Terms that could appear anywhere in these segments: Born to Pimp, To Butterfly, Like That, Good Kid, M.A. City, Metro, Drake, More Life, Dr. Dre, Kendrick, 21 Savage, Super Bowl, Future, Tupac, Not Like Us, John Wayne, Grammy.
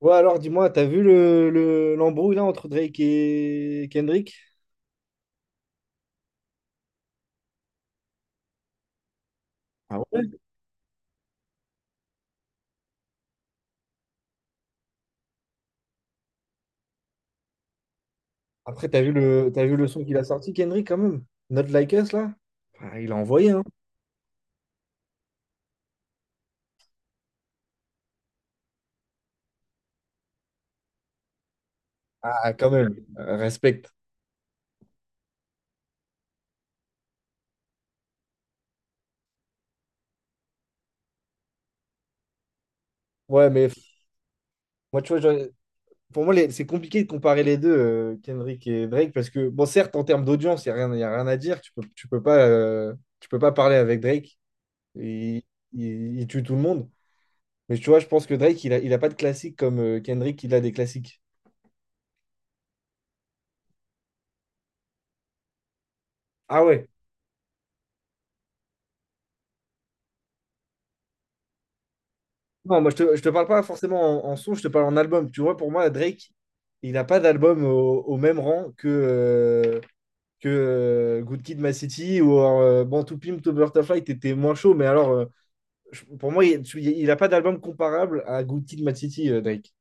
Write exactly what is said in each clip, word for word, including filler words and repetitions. Ouais, alors dis-moi, t'as vu le, le- l'embrouille là entre Drake et Kendrick? Ah ouais? Après, t'as vu le, t'as vu le son qu'il a sorti, Kendrick, quand même? Not Like Us, là? Ah, il a envoyé, hein? Ah, quand même. Euh, respect. Ouais, mais pff, moi, tu vois, j'aurais- pour moi, les- c'est compliqué de comparer les deux, euh, Kendrick et Drake, parce que, bon, certes, en termes d'audience, il n'y a rien, y a rien à dire. Tu peux, tu peux pas, euh, tu peux pas parler avec Drake. Il, il, il tue tout le monde. Mais tu vois, je pense que Drake, il a, il a pas de classique comme euh, Kendrick, il a des classiques. Ah ouais. Non, moi, je te, je te parle pas forcément en, en son, je te parle en album. Tu vois, pour moi, Drake, il n'a pas d'album au, au même rang que, euh, que euh, Good Kid, m a. City ou euh, Born to Pimp, To Butterfly, t'étais moins chaud. Mais alors, euh, je- pour moi, il tu- il n'a pas d'album comparable à Good Kid, m a. City, euh, Drake.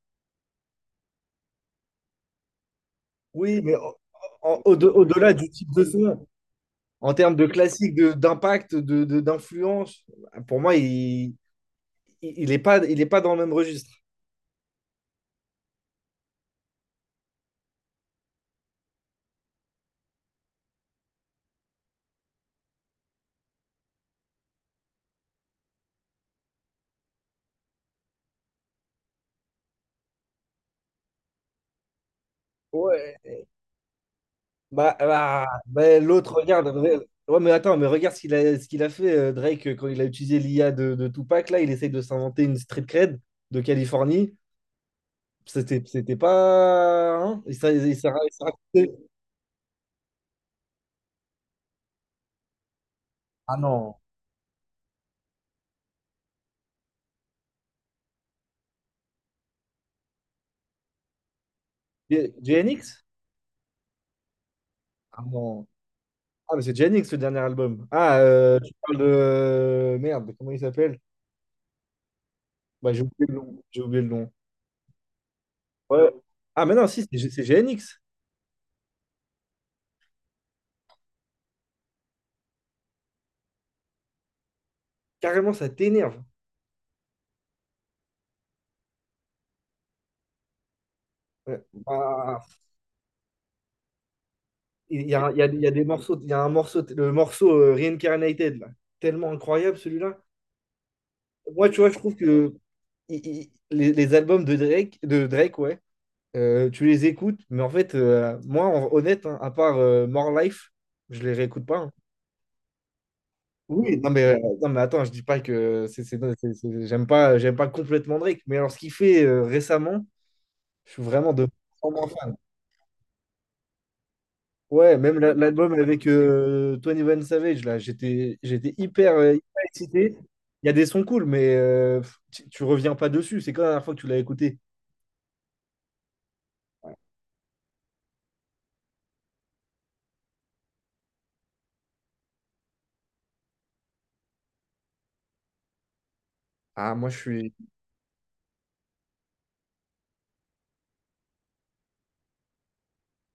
Oui, mais au- en- au- au-delà du type de son, en termes de classique, de, d'impact, de, de- d'influence, pour moi, il, il, il est pas, il est pas dans le même registre. Ouais. Bah, bah, bah, l'autre, regarde. re- Ouais, mais attends, mais regarde ce qu'il a, ce qu'il a fait, euh, Drake, euh, quand il a utilisé l'i a de, de Tupac. Là, il essaye de s'inventer une street cred de Californie. C'était, c'était pas. Hein. Il s'est il s'est ra- il s'est raconté. Ah non. J- JNX? Ah non. Ah, mais c'est j n x le dernier album. Ah, euh, tu parles de. euh, Merde, comment il s'appelle? Bah, j'ai oublié le nom. J'ai oublié le nom. Ouais. Ah, mais non, si, c'est c'est J N X. Carrément, ça t'énerve. Ouais. Bah, Il y a, il y a- il y a des morceaux, il y a un morceau, le morceau euh, Reincarnated, là. Tellement incroyable celui-là. Moi, tu vois, je trouve que il- il- les, les albums de Drake, de Drake, ouais, euh, tu les écoutes, mais en fait, euh, moi, en- honnête, hein, à part euh, More Life, je les réécoute pas. Hein. Oui, non mais, euh, non mais attends, je dis pas que c'est, c'est- c'est- c'est- j'aime pas, j'aime pas complètement Drake, mais alors ce qu'il fait euh, récemment, je suis vraiment de moins en moins fan. Ouais, même la- l'album avec euh, vingt et un Savage, là, j'étais j'étais hyper, euh, hyper excité. Il y a des sons cool, mais euh, pff, tu, tu reviens pas dessus. C'est quand la dernière fois que tu l'as écouté? Ah, moi, je suis...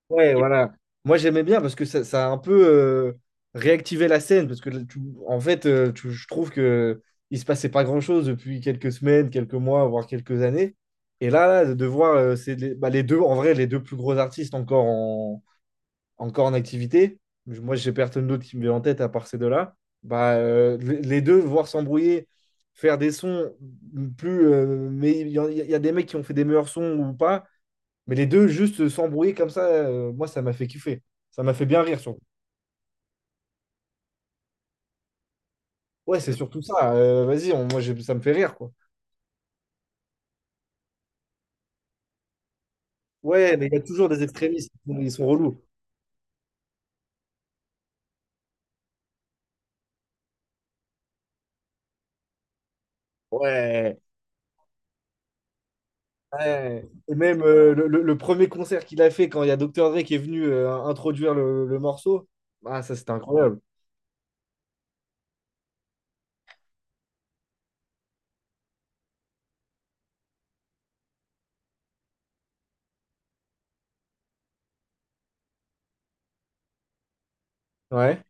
Ouais, voilà. Moi, j'aimais bien parce que ça, ça a un peu euh, réactivé la scène. Parce que, tu- en fait, euh, tu- je trouve que il se passait pas grand-chose depuis quelques semaines, quelques mois, voire quelques années. Et là, là, de voir euh, c'est les, bah, les deux, en vrai, les deux plus gros artistes encore encore en activité. Moi, j'ai personne d'autre qui me vient en tête à part ces deux-là. Bah, euh, les deux, voir s'embrouiller, faire des sons plus. Euh, mais il y, en- il y a des mecs qui ont fait des meilleurs sons ou pas. Mais les deux, juste s'embrouiller comme ça, euh, moi, ça m'a fait kiffer. Ça m'a fait bien rire, surtout. Ouais, c'est surtout ça. Euh, vas-y, on- moi, j'ai- ça me fait rire, quoi. Ouais, mais il y a toujours des extrémistes. Ils sont relous. Ouais. Ouais. Et même euh, le, le- le premier concert qu'il a fait quand il y a docteur Dre qui est venu euh, introduire le, le morceau, ah, ça c'était incroyable. Ouais.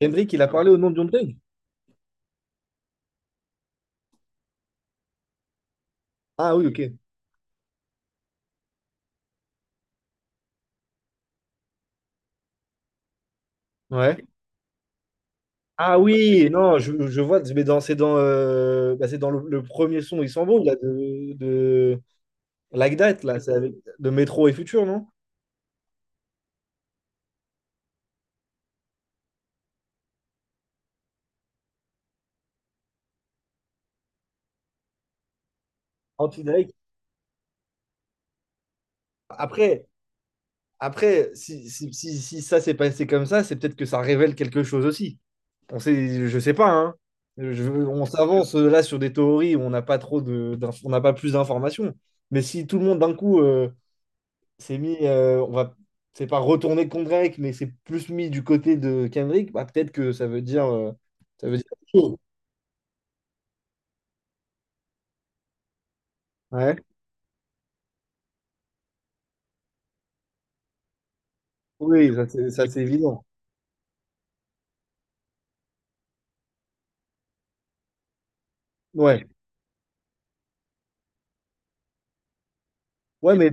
Kendrick, il a parlé au nom de John Wayne? Ah oui, ok. Ouais. Ah oui, non, je, je vois, mais dans, c'est dans, euh, bah, c'est dans le, le premier son, ils s'en vont, là, de, de Like That, là, c'est avec de Métro et Futur, non? Anti Drake. Après, après si, si, si, si ça s'est passé comme ça, c'est peut-être que ça révèle quelque chose aussi. On sait, je sais pas, hein. Je- on s'avance euh, là sur des théories où on n'a pas trop de, d'inf- on n'a pas plus d'informations. Mais si tout le monde d'un coup, euh, c'est mis, euh, on va, c'est pas retourner contre Drake, mais c'est plus mis du côté de Kendrick, bah, peut-être que ça veut dire, euh, ça veut dire chaud. Ouais. Oui, ça c'est ça, c'est évident. Ouais. Ouais, mais,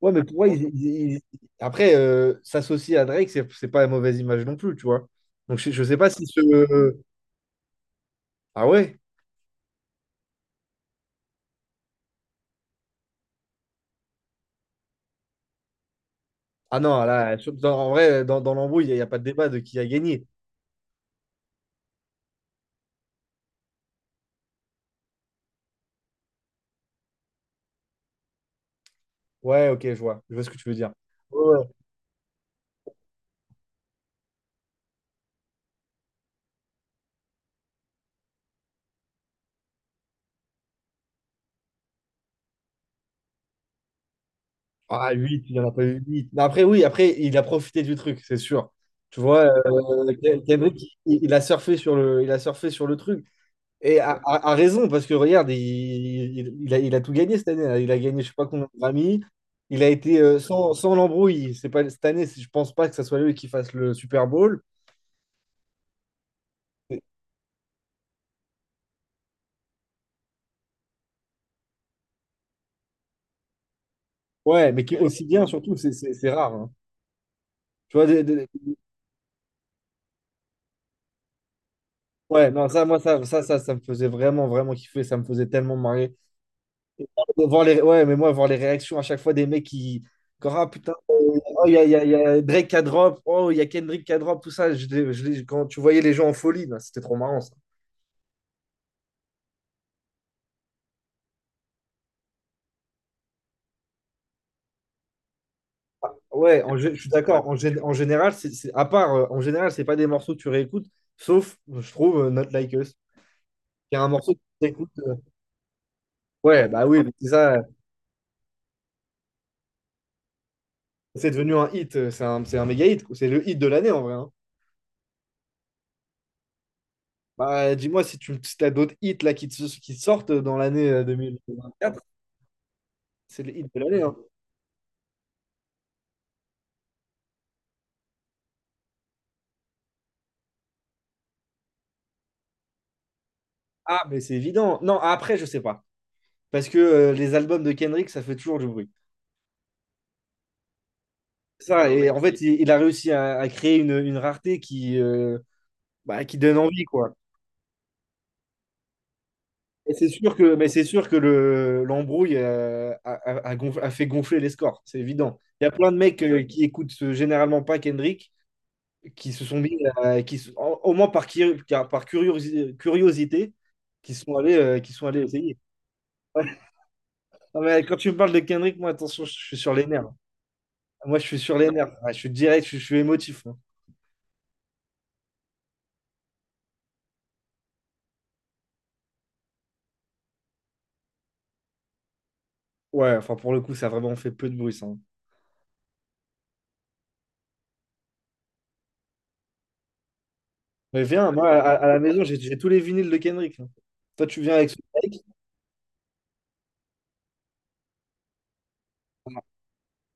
ouais, mais pour moi, ils- ils- ils- après, euh, s'associer à Drake, c'est c'est pas une mauvaise image non plus, tu vois. Donc je, je sais pas si ce. Ah ouais? Ah non, là, sur- dans- en vrai, dans, dans l'embrouille, il n'y a, y a pas de débat de qui a gagné. Ouais, ok, je vois. Je vois ce que tu veux dire. Ouais, ouais. Ah, huit, il n'y en a pas eu huit. Mais après, oui, après, il a profité du truc, c'est sûr. Tu vois, euh, Ke- Kendrick, il, il a surfé sur le, il a surfé sur le truc. Et a, a- a raison, parce que regarde, il, il- il a, il a tout gagné cette année. Hein. Il a gagné, je sais pas combien de Grammy. Il a été euh, sans, sans l'embrouille. C'est pas, cette année, c'est- je pense pas que ce soit lui qui fasse le Super Bowl. Ouais, mais qui, aussi bien, surtout, c'est c'est- c'est rare. Hein. Tu vois, des- des- ouais, non, ça, moi, ça, ça, ça, ça me faisait vraiment, vraiment kiffer. Ça me faisait tellement marrer. De voir les... Ouais, mais moi, voir les réactions à chaque fois des mecs qui. Encore, ah putain, oh, il y a, il y a- il y a Drake qui a drop, oh, il y a Kendrick qui a drop, tout ça. Je l'ai- je l'ai- quand tu voyais les gens en folie, là, c'était trop marrant ça. Ouais, en gé- je suis d'accord. En, gé- en général, c'est, c'est- à part, euh, en général, c'est pas des morceaux que tu réécoutes, sauf, je trouve, euh, Not Like Us. Il y a un morceau que tu écoutes. Euh, ouais, bah oui, mais c'est ça, euh, c'est devenu un hit, euh, c'est un, c'est un méga hit, quoi. C'est le hit de l'année en vrai. Hein. Bah, dis-moi si tu si t'as d'autres hits là, qui, te- qui sortent dans l'année euh, quatre, c'est le hit de l'année. Hein. Ah, mais c'est évident. Non, après, je sais pas. Parce que euh, les albums de Kendrick, ça fait toujours du bruit. C'est ça, et en fait, il, il a réussi à, à créer une, une rareté qui, euh, bah, qui donne envie, quoi. Et c'est sûr que, mais c'est sûr que le, l'embrouille euh, a, a- a gonf- a fait gonfler les scores, c'est évident. Il y a plein de mecs euh, qui écoutent euh, généralement pas Kendrick, qui se sont mis, euh, qui, se- en- au moins par, qui- car- par curiosi- curiosité, qui sont allés, euh, qui sont allés essayer. Ouais. Non, mais quand tu me parles de Kendrick, moi, attention, je suis sur les nerfs. Moi, je suis sur les nerfs. Ouais, je suis direct, je, je suis émotif. Hein. Ouais, enfin, pour le coup, ça a vraiment fait peu de bruit, ça. Hein. Mais viens, moi, à, à la maison, j'ai j'ai tous les vinyles de Kendrick. Hein. Toi, tu viens avec ce mec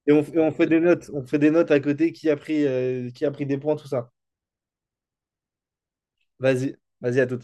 et on, et on fait des notes. On fait des notes à côté qui a pris, euh, qui a pris des points, tout ça. Vas-y, vas-y, à tout